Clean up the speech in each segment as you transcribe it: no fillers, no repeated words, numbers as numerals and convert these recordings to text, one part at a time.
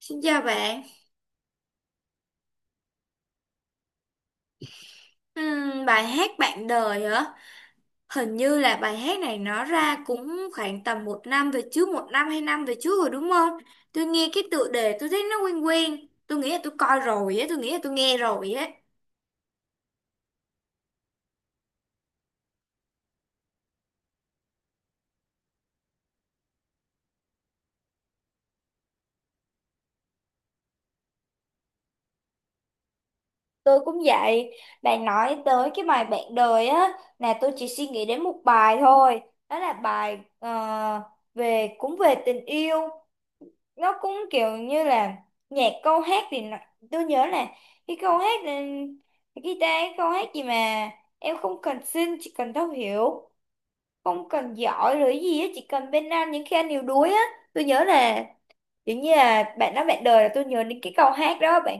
Xin chào bạn. Bài hát Bạn đời hả? Hình như là bài hát này nó ra cũng khoảng tầm một năm về trước, một năm hai năm về trước rồi đúng không? Tôi nghe cái tựa đề tôi thấy nó quen quen. Tôi nghĩ là tôi coi rồi á, tôi nghĩ là tôi nghe rồi á. Tôi cũng vậy. Bạn nói tới cái bài Bạn đời á, là tôi chỉ suy nghĩ đến một bài thôi. Đó là bài về cũng về tình yêu. Nó cũng kiểu như là nhạc, câu hát thì tôi nhớ là cái câu hát, cái guitar, cái câu hát gì mà em không cần xin chỉ cần thấu hiểu, không cần giỏi rồi cái gì á, chỉ cần bên anh những khi anh yếu đuối á. Tôi nhớ là giống như là bạn nói bạn đời, là tôi nhớ đến cái câu hát đó bạn.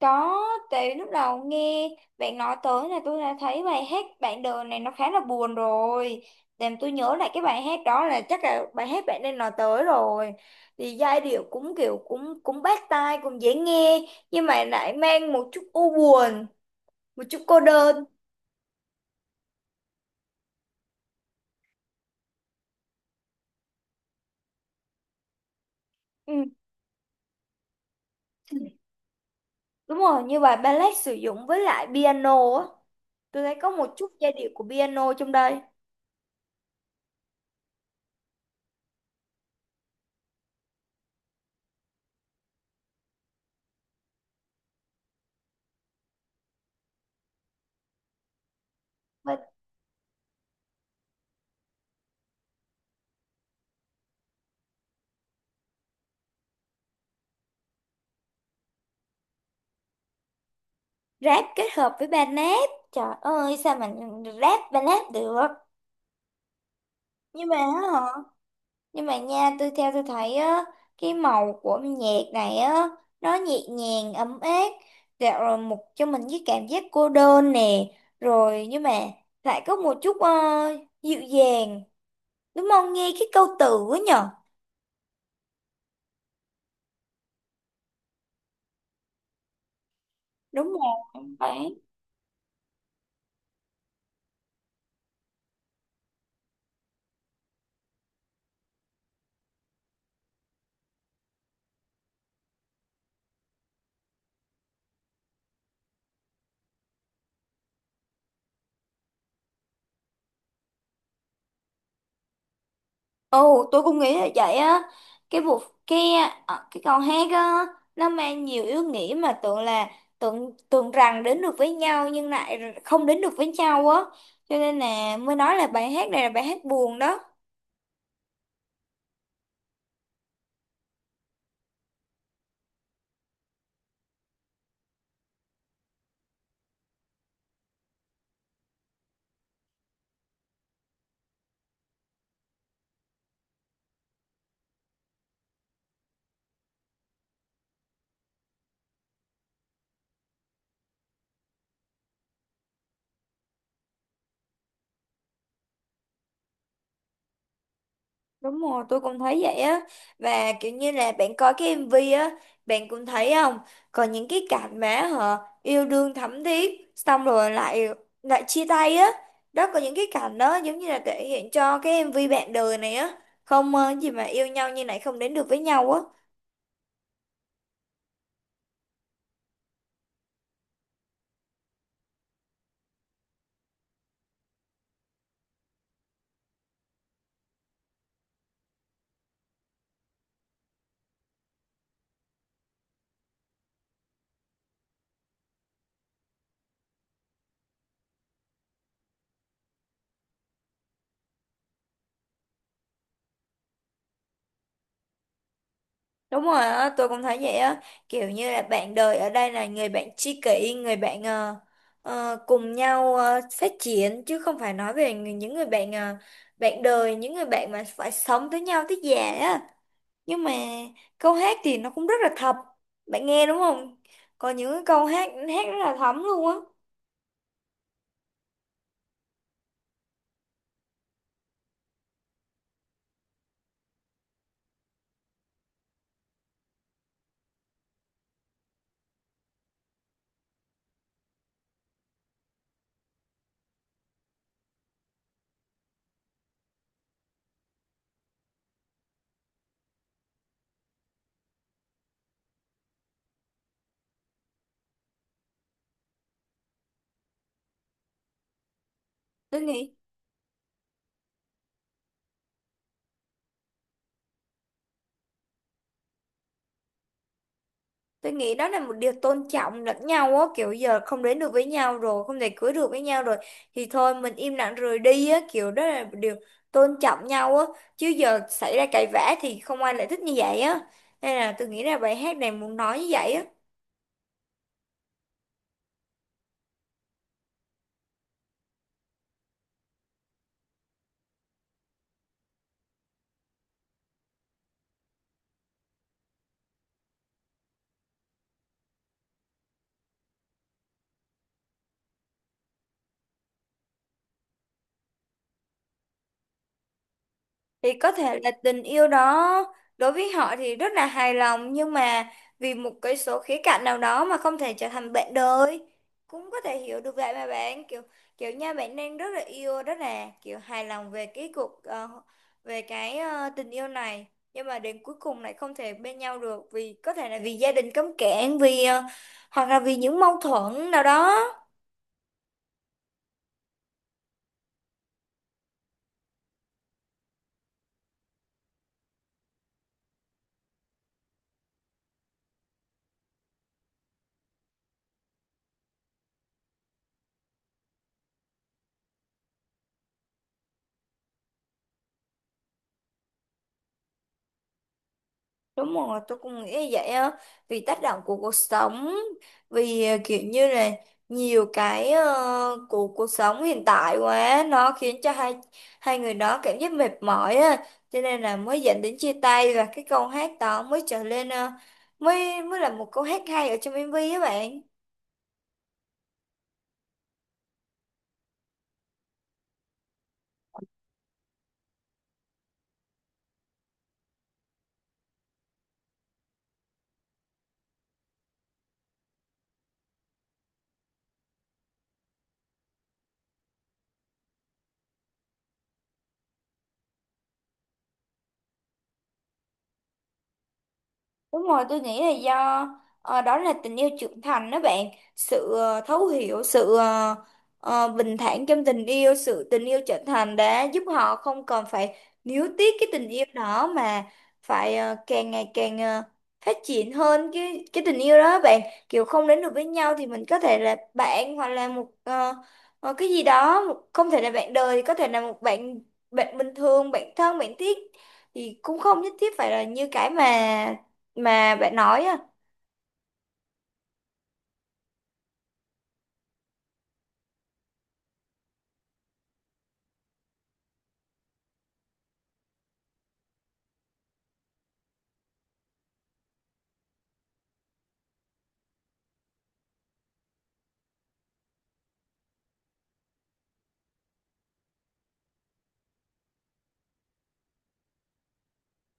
Đó, tại lúc đầu nghe bạn nói tới là tôi đã thấy bài hát bạn đời này nó khá là buồn rồi. Làm tôi nhớ lại cái bài hát đó, là chắc là bài hát bạn nên nói tới rồi. Thì giai điệu cũng kiểu cũng cũng bắt tai, cũng dễ nghe nhưng mà lại mang một chút u buồn, một chút cô đơn. Ừ, đúng rồi, như bài ballad sử dụng với lại piano á. Tôi thấy có một chút giai điệu của piano trong đây. Và rap kết hợp với ballad. Trời ơi, sao mà rap ballad được? nhưng mà á hả nhưng mà nha, tôi tôi thấy á, cái màu của nhạc này á, nó nhẹ nhàng ấm áp. Dạ, rồi một cho mình cái cảm giác cô đơn nè, rồi nhưng mà lại có một chút dịu dàng, đúng không, nghe cái câu từ á nhở? Đúng rồi. Ồ, tôi cũng nghĩ là vậy á. Cái vụ, cái cái câu hát á, nó mang nhiều ý nghĩa, mà tưởng là tưởng tưởng rằng đến được với nhau nhưng lại không đến được với nhau á. Cho nên là mới nói là bài hát này là bài hát buồn đó. Đúng rồi, tôi cũng thấy vậy á. Và kiểu như là bạn coi cái MV á, bạn cũng thấy không? Còn những cái cảnh mà họ yêu đương thắm thiết, xong rồi lại lại chia tay á. Đó, có những cái cảnh đó giống như là thể hiện cho cái MV bạn đời này á. Không gì mà yêu nhau như này không đến được với nhau á. Đúng rồi á, tôi cũng thấy vậy á, kiểu như là bạn đời ở đây là người bạn tri kỷ, người bạn cùng nhau phát triển, chứ không phải nói về những người bạn, bạn đời, những người bạn mà phải sống với nhau tới già á. Nhưng mà câu hát thì nó cũng rất là thật, bạn nghe đúng không? Có những cái câu hát hát rất là thấm luôn á. Tôi nghĩ Tôi nghĩ đó là một điều tôn trọng lẫn nhau á, kiểu giờ không đến được với nhau rồi, không thể cưới được với nhau rồi thì thôi mình im lặng rời đi á, kiểu đó là một điều tôn trọng nhau á, chứ giờ xảy ra cãi vã thì không ai lại thích như vậy á. Nên là tôi nghĩ là bài hát này muốn nói như vậy á. Thì có thể là tình yêu đó đối với họ thì rất là hài lòng, nhưng mà vì một cái số khía cạnh nào đó mà không thể trở thành bạn đời, cũng có thể hiểu được vậy mà bạn, kiểu kiểu nha, bạn đang rất là yêu, rất là kiểu hài lòng về cái tình yêu này, nhưng mà đến cuối cùng lại không thể bên nhau được, vì có thể là vì gia đình cấm cản, vì hoặc là vì những mâu thuẫn nào đó. Đúng rồi, tôi cũng nghĩ như vậy á. Vì tác động của cuộc sống, vì kiểu như là nhiều cái của cuộc sống hiện tại quá, nó khiến cho hai hai người đó cảm giác mệt mỏi á, cho nên là mới dẫn đến chia tay, và cái câu hát đó mới trở lên mới mới là một câu hát hay ở trong MV á bạn. Đúng rồi, tôi nghĩ là do đó là tình yêu trưởng thành đó bạn, sự thấu hiểu, sự bình thản trong tình yêu, sự tình yêu trưởng thành đã giúp họ không còn phải níu tiếc cái tình yêu đó, mà phải càng ngày càng phát triển hơn cái tình yêu đó bạn, kiểu không đến được với nhau thì mình có thể là bạn, hoặc là một cái gì đó, một, không thể là bạn đời, thì có thể là một bạn, bình thường, bạn thân, bạn thiết, thì cũng không nhất thiết phải là như cái mà bạn nói á.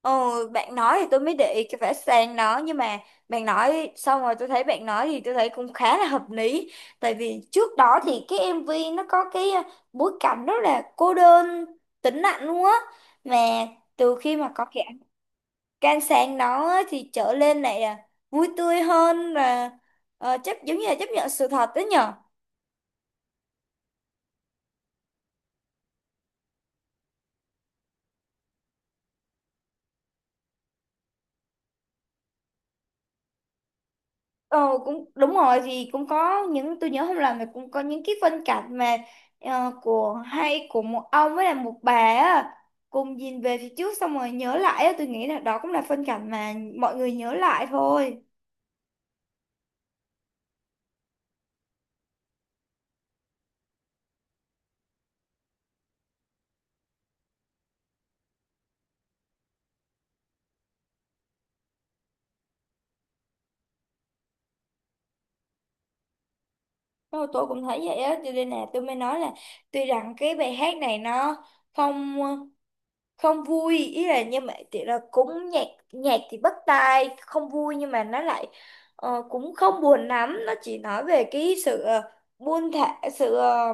Ờ, Bạn nói thì tôi mới để ý cái vẽ sang đó, nhưng mà bạn nói xong rồi, tôi thấy bạn nói thì tôi thấy cũng khá là hợp lý, tại vì trước đó thì cái MV nó có cái bối cảnh rất là cô đơn, tĩnh lặng luôn á, mà từ khi mà có cái can sang đó á, thì trở lên này là vui tươi hơn và ờ, chấp giống như là chấp nhận sự thật đó nhở. Ờ, cũng đúng rồi, thì cũng có những, tôi nhớ không làm, thì cũng có những cái phân cảnh mà của, hay của một ông với là một bà á, cùng nhìn về phía trước xong rồi nhớ lại á, tôi nghĩ là đó cũng là phân cảnh mà mọi người nhớ lại thôi. Thôi, tôi cũng thấy vậy á, cho nên là tôi mới nói là tuy rằng cái bài hát này nó không không vui, ý là nhưng mà thì là cũng nhạc, thì bắt tai không vui, nhưng mà nó lại cũng không buồn lắm, nó chỉ nói về cái sự buông thả, sự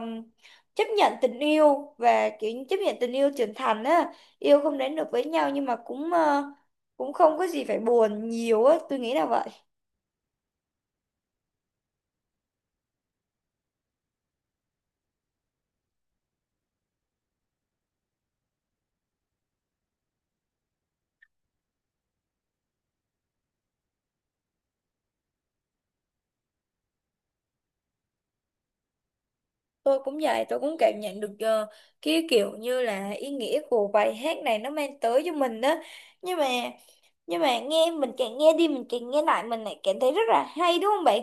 chấp nhận tình yêu, và kiểu như chấp nhận tình yêu trưởng thành á, yêu không đến được với nhau nhưng mà cũng cũng không có gì phải buồn nhiều á, tôi nghĩ là vậy. Tôi cũng vậy, tôi cũng cảm nhận được cái kiểu như là ý nghĩa của bài hát này nó mang tới cho mình đó, nhưng mà nghe mình càng nghe đi, mình càng nghe lại, mình lại cảm thấy rất là hay, đúng không bạn?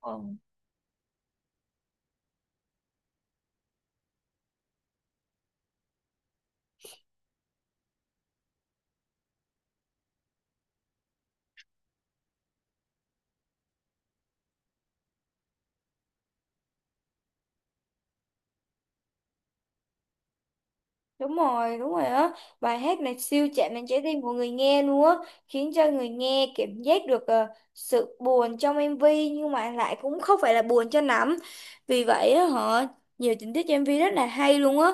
Ờ. Đúng rồi, đúng rồi á, bài hát này siêu chạm đến trái tim của người nghe luôn á, khiến cho người nghe cảm giác được sự buồn trong MV, nhưng mà lại cũng không phải là buồn cho lắm, vì vậy á họ nhiều tình tiết trong MV rất là hay luôn á.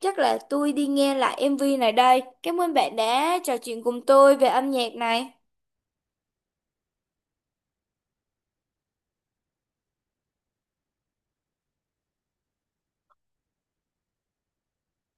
Chắc là tôi đi nghe lại MV này đây. Cảm ơn bạn đã trò chuyện cùng tôi về âm nhạc này.